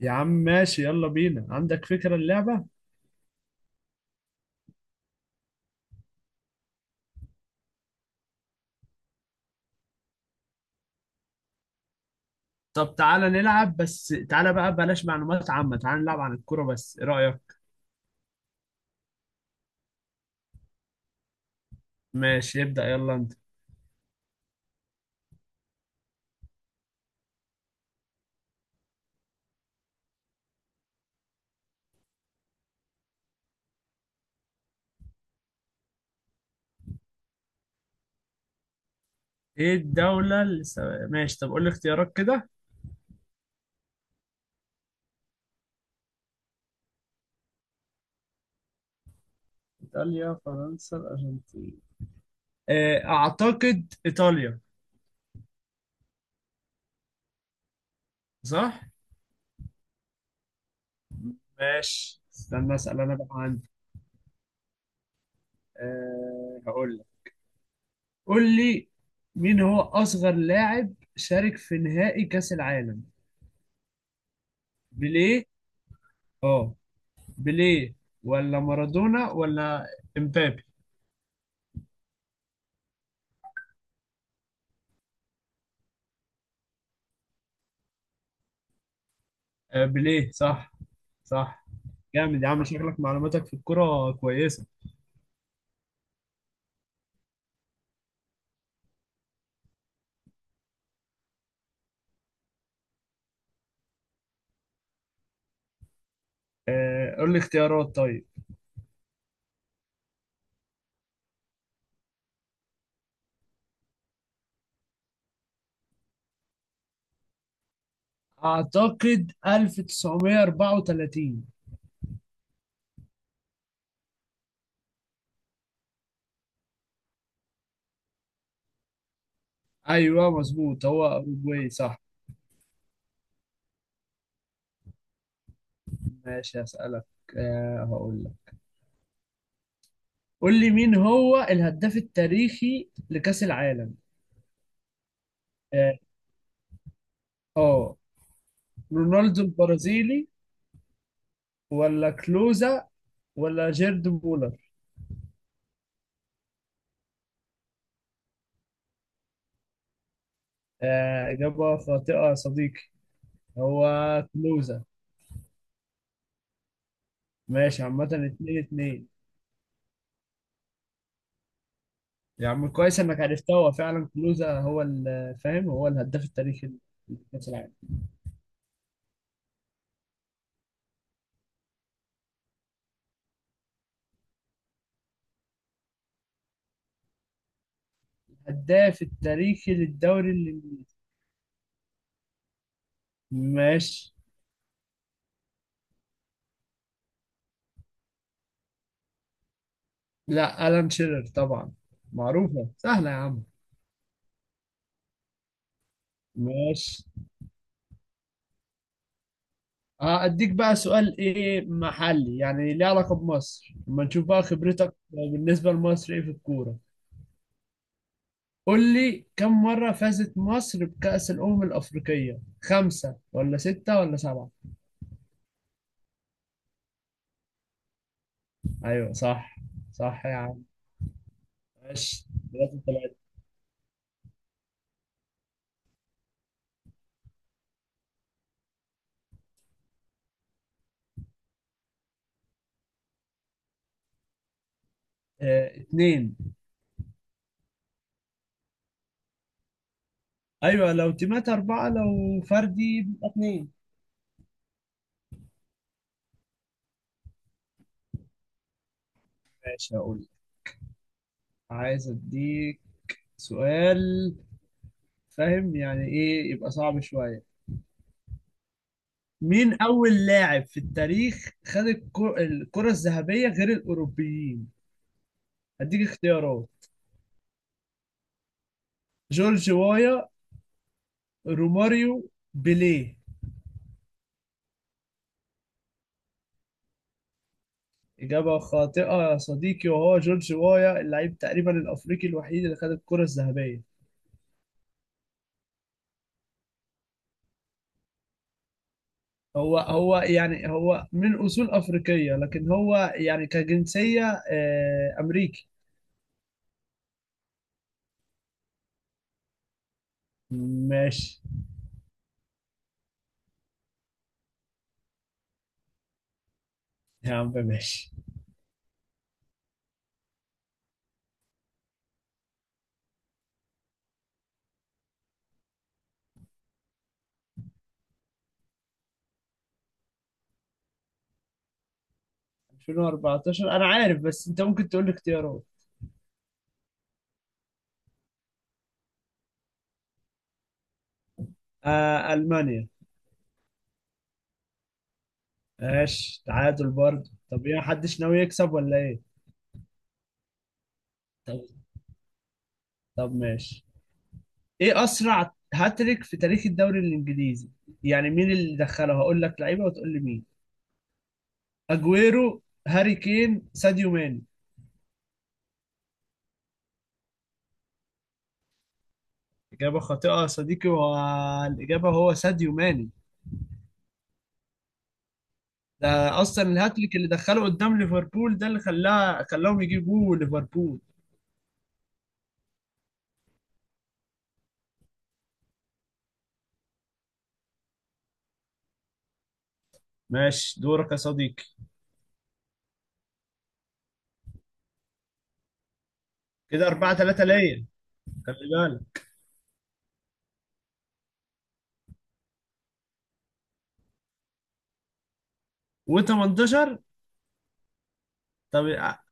يا عم ماشي، يلا بينا. عندك فكرة اللعبة؟ طب تعالى نلعب، بس تعالى بقى بلاش معلومات عامة. تعالى نلعب عن الكورة بس، ايه رأيك؟ ماشي ابدأ يلا انت. ايه الدولة اللي ماشي طب قول لي اختيارات كده. ايطاليا فرنسا الارجنتين. اعتقد ايطاليا. صح. ماشي استنى اسأل انا بقى عندي. هقول لك. قول لي مين هو اصغر لاعب شارك في نهائي كأس العالم؟ بيليه. اه بيليه، ولا مارادونا ولا امبابي؟ آه بيليه صح. صح. جامد يا عم، شكلك معلوماتك في الكرة كويسة. آه قول لي اختيارات طيب. اعتقد 1934. ايوه مظبوط، هو اوروجواي. صح. ماشي هسألك. آه هقول لك. قول لي مين هو الهداف التاريخي لكأس العالم؟ اه. آه، رونالدو البرازيلي ولا كلوزا ولا جيرد مولر؟ آه إجابة خاطئة يا صديقي، هو كلوزة. ماشي عامة اتنين اتنين. يا عم كويس انك عرفتها، هو فعلا كلوزة هو فاهم، هو الهداف التاريخي لكأس العالم. الهداف التاريخي للدوري الانجليزي. ماشي. لا ألان شيرر طبعا، معروفة سهلة يا عم. ماشي هأديك بقى سؤال ايه محلي، يعني ليه علاقة بمصر، اما نشوف بقى خبرتك بالنسبة لمصر ايه في الكورة. قول لي كم مرة فازت مصر بكأس الأمم الأفريقية؟ خمسة ولا ستة ولا سبعة؟ أيوة صح. صح يا عم. ماشي. دلوقتي انت بقت. اتنين. أيوة لو تيمات أربعة، لو فردي بيبقى اتنين. ماشي هقول لك. عايز أديك سؤال. فاهم يعني إيه، يبقى صعب شوية. مين أول لاعب في التاريخ خد الكرة الذهبية غير الأوروبيين؟ هديك اختيارات. جورج وايا، روماريو، بيليه. إجابة خاطئة يا صديقي، وهو جورج وايا، اللعيب تقريبا الأفريقي الوحيد اللي خد الكرة الذهبية. هو هو يعني، هو من أصول أفريقية، لكن هو يعني كجنسية أمريكي. ماشي. يا عم ماشي. 2014 أنا عارف، بس أنت ممكن تقول لي اختيارات. آه ألمانيا. ماشي تعادل برضه، طب إيه محدش ناوي يكسب ولا إيه؟ طب. طب ماشي، إيه أسرع هاتريك في تاريخ الدوري الإنجليزي؟ يعني مين اللي دخله، هقول لك لعيبه وتقول لي مين. اجويرو، هاري كين، ساديو ماني. اجابه خاطئه يا صديقي، والاجابه هو ساديو ماني. ده اصلا الهاتريك اللي دخله قدام ليفربول، ده اللي خلاها خلاهم يجيبوا ليفربول. ماشي دورك يا صديقي. كده 4 3 ليا، خلي بالك. و18؟ طب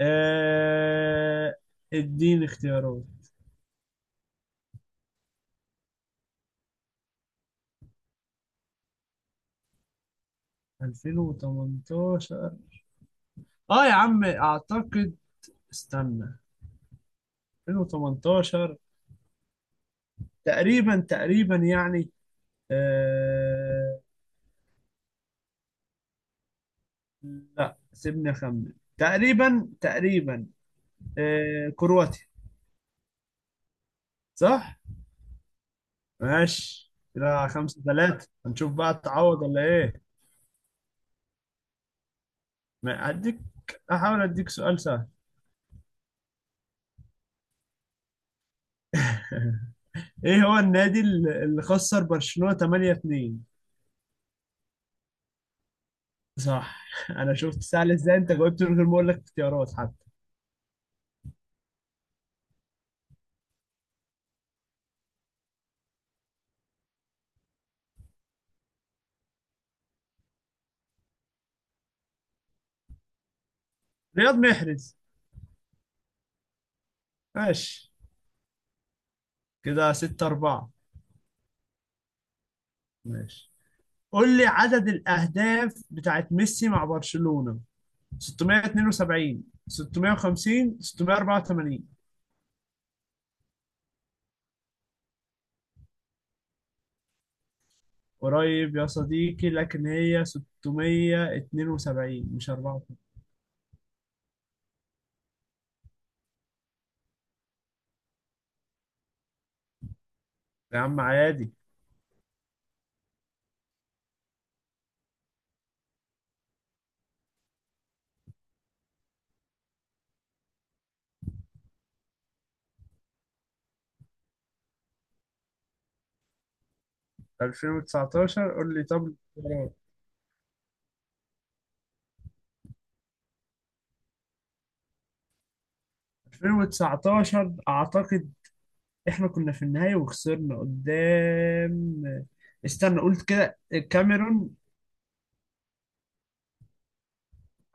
آه، اديني اختيارات. 2018. اه يا عم اعتقد، استنى. 2018 تقريبا تقريبا يعني. آه... لا سيبني اخمن تقريبا تقريبا. آه كرواتيا. صح. ماشي كده خمسة ثلاثة، هنشوف بقى تعوض ولا ايه. ما هديك، احاول اديك سؤال سهل. ايه هو النادي اللي خسر برشلونة 8-2؟ صح. انا شفت سهل ازاي انت جاوبت من غير ما اقول لك اختيارات حتى. رياض محرز. ماشي كده 6 4. ماشي قول لي عدد الاهداف بتاعت ميسي مع برشلونة. 672، 650، 684. قريب يا صديقي، لكن هي 672 مش 84. يا عم عادي. 2019 قول لي طب الاختيارات. 2019 اعتقد احنا كنا في النهاية وخسرنا قدام، استنى قلت كده الكاميرون.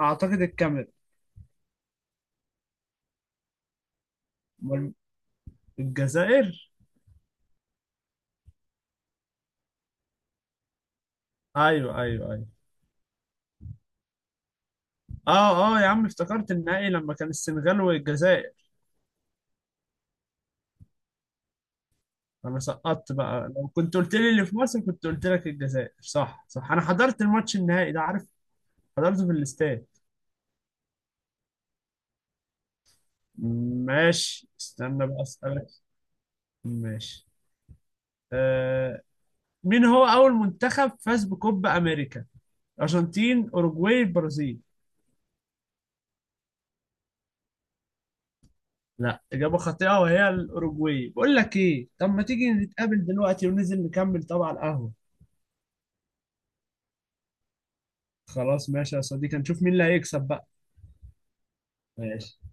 اعتقد الكاميرون. أمال؟ الجزائر. ايوه ايوه ايوه. اه اه يا عم افتكرت النهائي لما كان السنغال والجزائر. انا سقطت بقى، لو كنت قلت لي اللي في مصر كنت قلت لك الجزائر. صح صح، انا حضرت الماتش النهائي ده عارف. حضرته في الاستاد. ماشي استنى بقى اسالك. ماشي. آه. مين هو اول منتخب فاز بكوبا امريكا؟ ارجنتين، اوروجواي، البرازيل. لا اجابه خاطئه، وهي الاوروجواي. بقول لك ايه، طب ما تيجي نتقابل دلوقتي وننزل نكمل طبعا على القهوه. خلاص ماشي يا صديقي، نشوف مين اللي هيكسب بقى. ماشي.